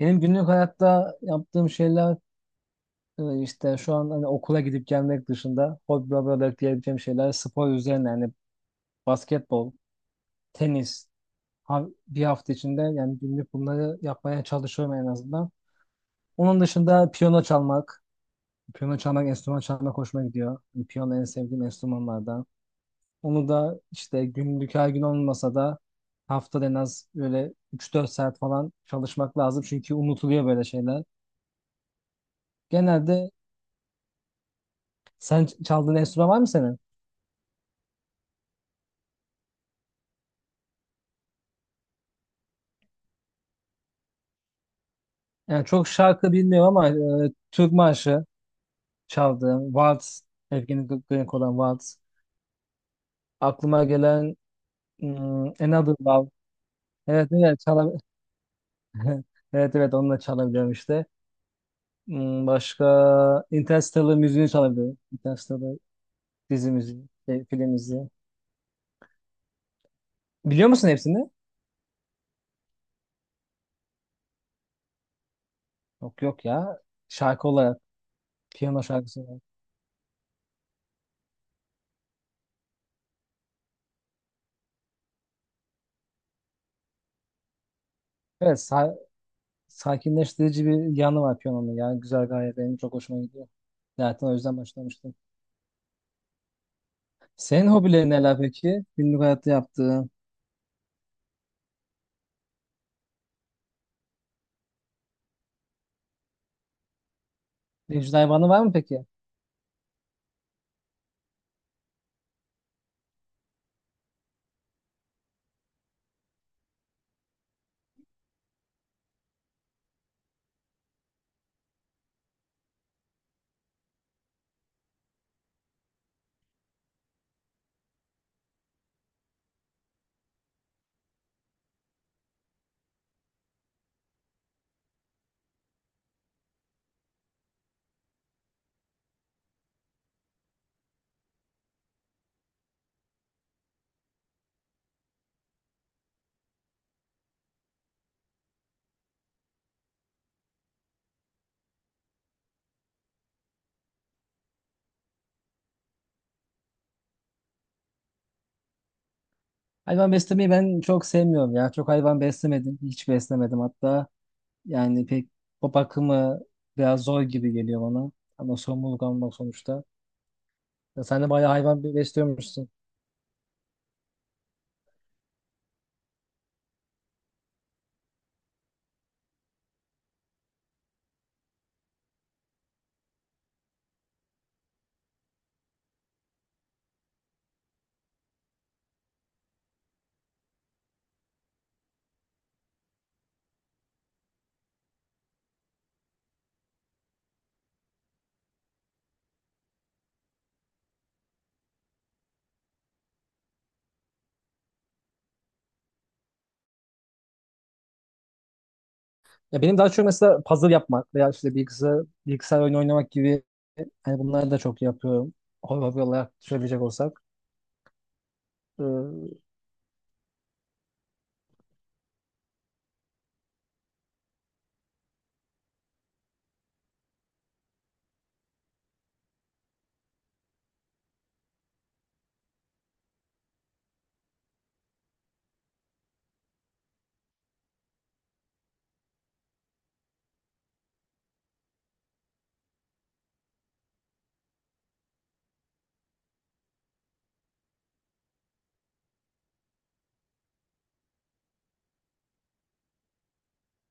Benim günlük hayatta yaptığım şeyler, işte şu an, hani, okula gidip gelmek dışında hobi olarak diyebileceğim şeyler spor üzerine. Yani basketbol, tenis, bir hafta içinde, yani günlük, bunları yapmaya çalışıyorum en azından. Onun dışında piyano çalmak, enstrüman çalmak hoşuma gidiyor. Yani piyano en sevdiğim enstrümanlardan. Onu da işte, günlük her gün olmasa da, haftada en az böyle üç dört saat falan çalışmak lazım, çünkü unutuluyor böyle şeyler. Genelde sen çaldığın enstrüman var mı senin? Yani çok şarkı bilmiyorum ama Türk marşı çaldığım, Waltz, Evgeni Grenk olan Waltz. Aklıma gelen Another Love. Evet, evet, Evet, evet, onu da çalabiliyorum işte. Başka Interstellar müziğini çalabiliyorum. Interstellar dizi müziği, şey, film müziği. Biliyor musun hepsini? Yok, yok ya. Şarkı olarak, piyano şarkısı olarak. Evet, sakinleştirici bir yanı var piyanonun. Yani güzel, gayet benim çok hoşuma gidiyor. Zaten o yüzden başlamıştım. Senin hobilerin neler peki? Günlük hayatta yaptığın. Evcil hayvanı var mı peki? Hayvan beslemeyi ben çok sevmiyorum ya. Çok hayvan beslemedim. Hiç beslemedim hatta. Yani pek o bakımı biraz zor gibi geliyor bana. Ama sorumluluk almak sonuçta. Ya sen de bayağı hayvan besliyormuşsun. Ya benim daha çok mesela puzzle yapmak veya işte bilgisayar, bilgisayar oyunu oynamak gibi, hani bunları da çok yapıyorum. Hobi olarak söyleyecek olsak. Ee,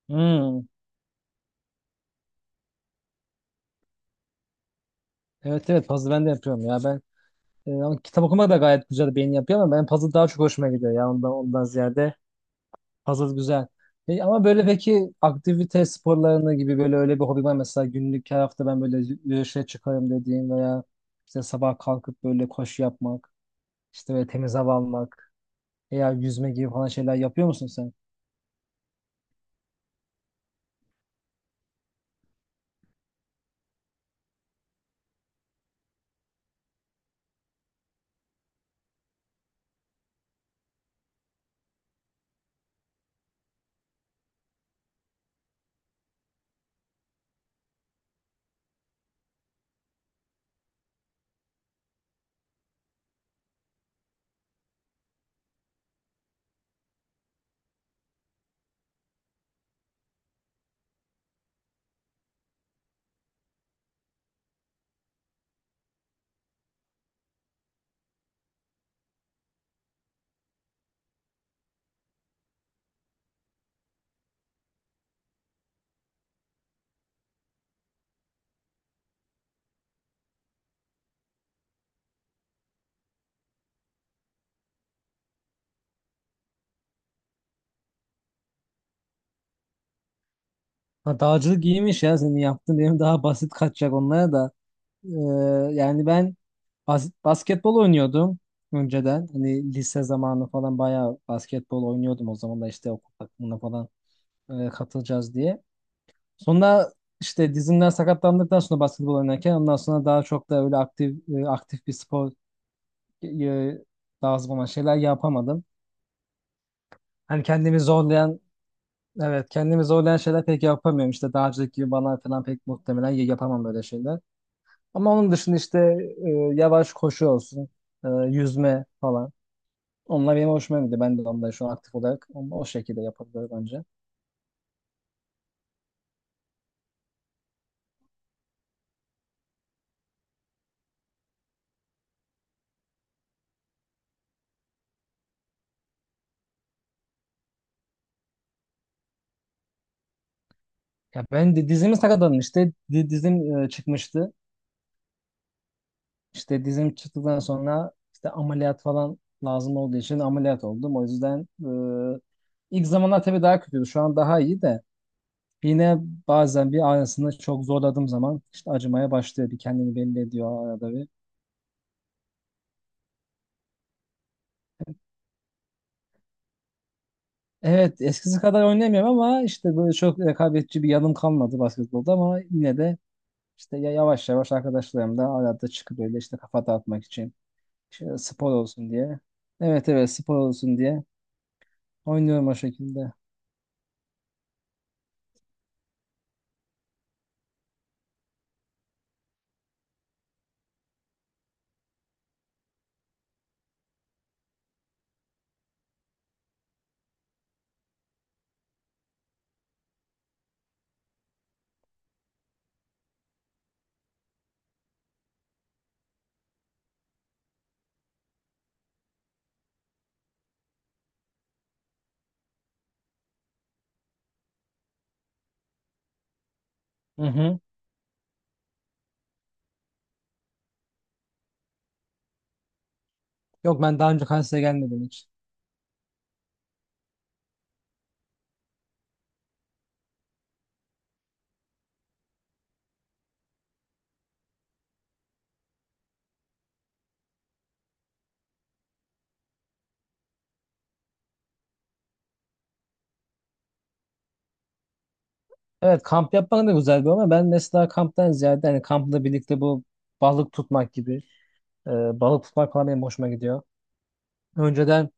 hmm. Evet, evet, puzzle ben de yapıyorum ya. Ben ama kitap okumak da gayet güzel beyin yapıyor, ama ben puzzle daha çok hoşuma gidiyor ya, ondan ziyade puzzle güzel. Ama böyle, peki aktivite sporlarına gibi böyle öyle bir hobi var mı? Mesela günlük her hafta ben böyle yürüyüşe çıkarım dediğin, veya işte sabah kalkıp böyle koşu yapmak, işte böyle temiz hava almak veya yüzme gibi falan şeyler yapıyor musun sen? Ha, dağcılık iyiymiş ya senin yaptığın, benim daha basit kaçacak onlara da. Ee, Yani ben basketbol oynuyordum önceden. Hani lise zamanı falan bayağı basketbol oynuyordum, o zaman da işte okul takımına falan katılacağız diye. Sonra işte dizimden sakatlandıktan sonra basketbol oynarken ondan sonra daha çok da öyle aktif bir spor e, lazım olan şeyler yapamadım. Hani kendimi zorlayan, evet, kendimi zorlayan şeyler pek yapamıyorum. İşte dağcılık gibi bana falan pek muhtemelen yapamam böyle şeyler. Ama onun dışında işte e, yavaş koşu olsun, yüzme falan. Onlar benim hoşuma gidiyor. Ben de onları şu an aktif olarak onu o şekilde yapabiliyorum bence. Ya ben de dizimi sakatladım işte. Dizim çıkmıştı. İşte dizim çıktıktan sonra işte ameliyat falan lazım olduğu için ameliyat oldum. O yüzden e, ilk zamanlar tabii daha kötüydü. Şu an daha iyi de yine bazen bir ağrısını çok zorladığım zaman işte acımaya başlıyor. Bir kendini belli ediyor arada bir. Evet, eskisi kadar oynayamıyorum, ama işte böyle çok rekabetçi bir yanım kalmadı basketbolda, ama yine de işte yavaş yavaş arkadaşlarımla arada çıkıp böyle, işte kafa dağıtmak için, işte spor olsun diye. Evet, evet, spor olsun diye oynuyorum o şekilde. Hı hı. Yok, ben daha önce Kars'a gelmedim hiç. Evet, kamp yapmak da güzel bir, ama ben mesela kamptan ziyade, hani kampla birlikte bu balık tutmak gibi, balık tutmak falan benim hoşuma gidiyor. Önceden,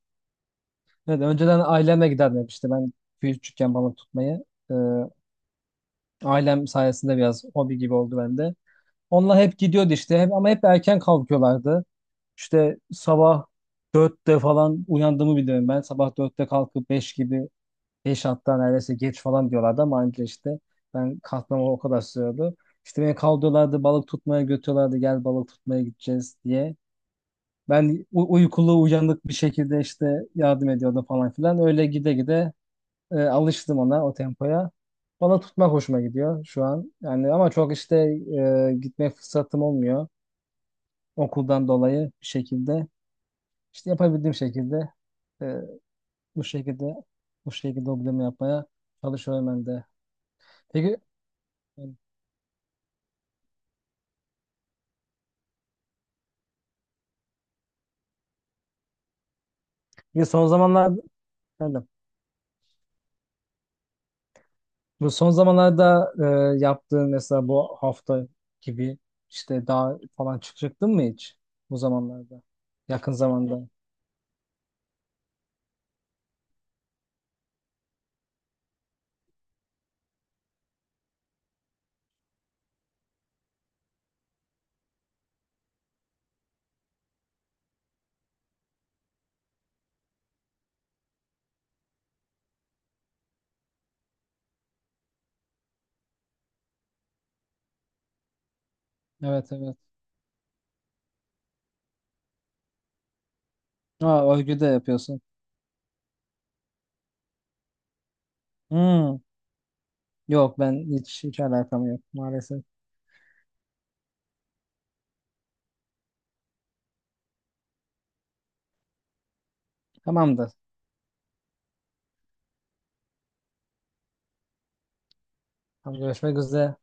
evet, önceden ailemle giderdim hep işte, ben küçükken balık tutmayı. E, Ailem sayesinde biraz hobi gibi oldu bende. Onlar hep gidiyordu işte hep, ama hep erken kalkıyorlardı. İşte sabah 4'te falan uyandığımı biliyorum ben. Sabah 4'te kalkıp 5 gibi, 5 hatta neredeyse geç falan diyorlardı, ama anca işte ben kalkmama o kadar sürüyordu. İşte beni kaldırıyorlardı, balık tutmaya götürüyorlardı, gel balık tutmaya gideceğiz diye. Ben uykulu uyanık bir şekilde işte yardım ediyordum falan filan. Öyle gide gide alıştım ona, o tempoya. Bana tutmak hoşuma gidiyor şu an. Yani ama çok işte gitme fırsatım olmuyor. Okuldan dolayı bir şekilde işte yapabildiğim şekilde e, bu şekilde bu şekilde hobilerimi yapmaya çalışıyorum ben de. Peki, bir son zamanlar, efendim, bu son zamanlarda yaptığın mesela bu hafta gibi, işte daha falan çıktın mı hiç bu zamanlarda? Yakın zamanda. Evet, evet. Aa, örgü de yapıyorsun. Hmm. Yok, ben hiç hiç alakam yok maalesef. Tamamdır. Tamam, görüşmek üzere.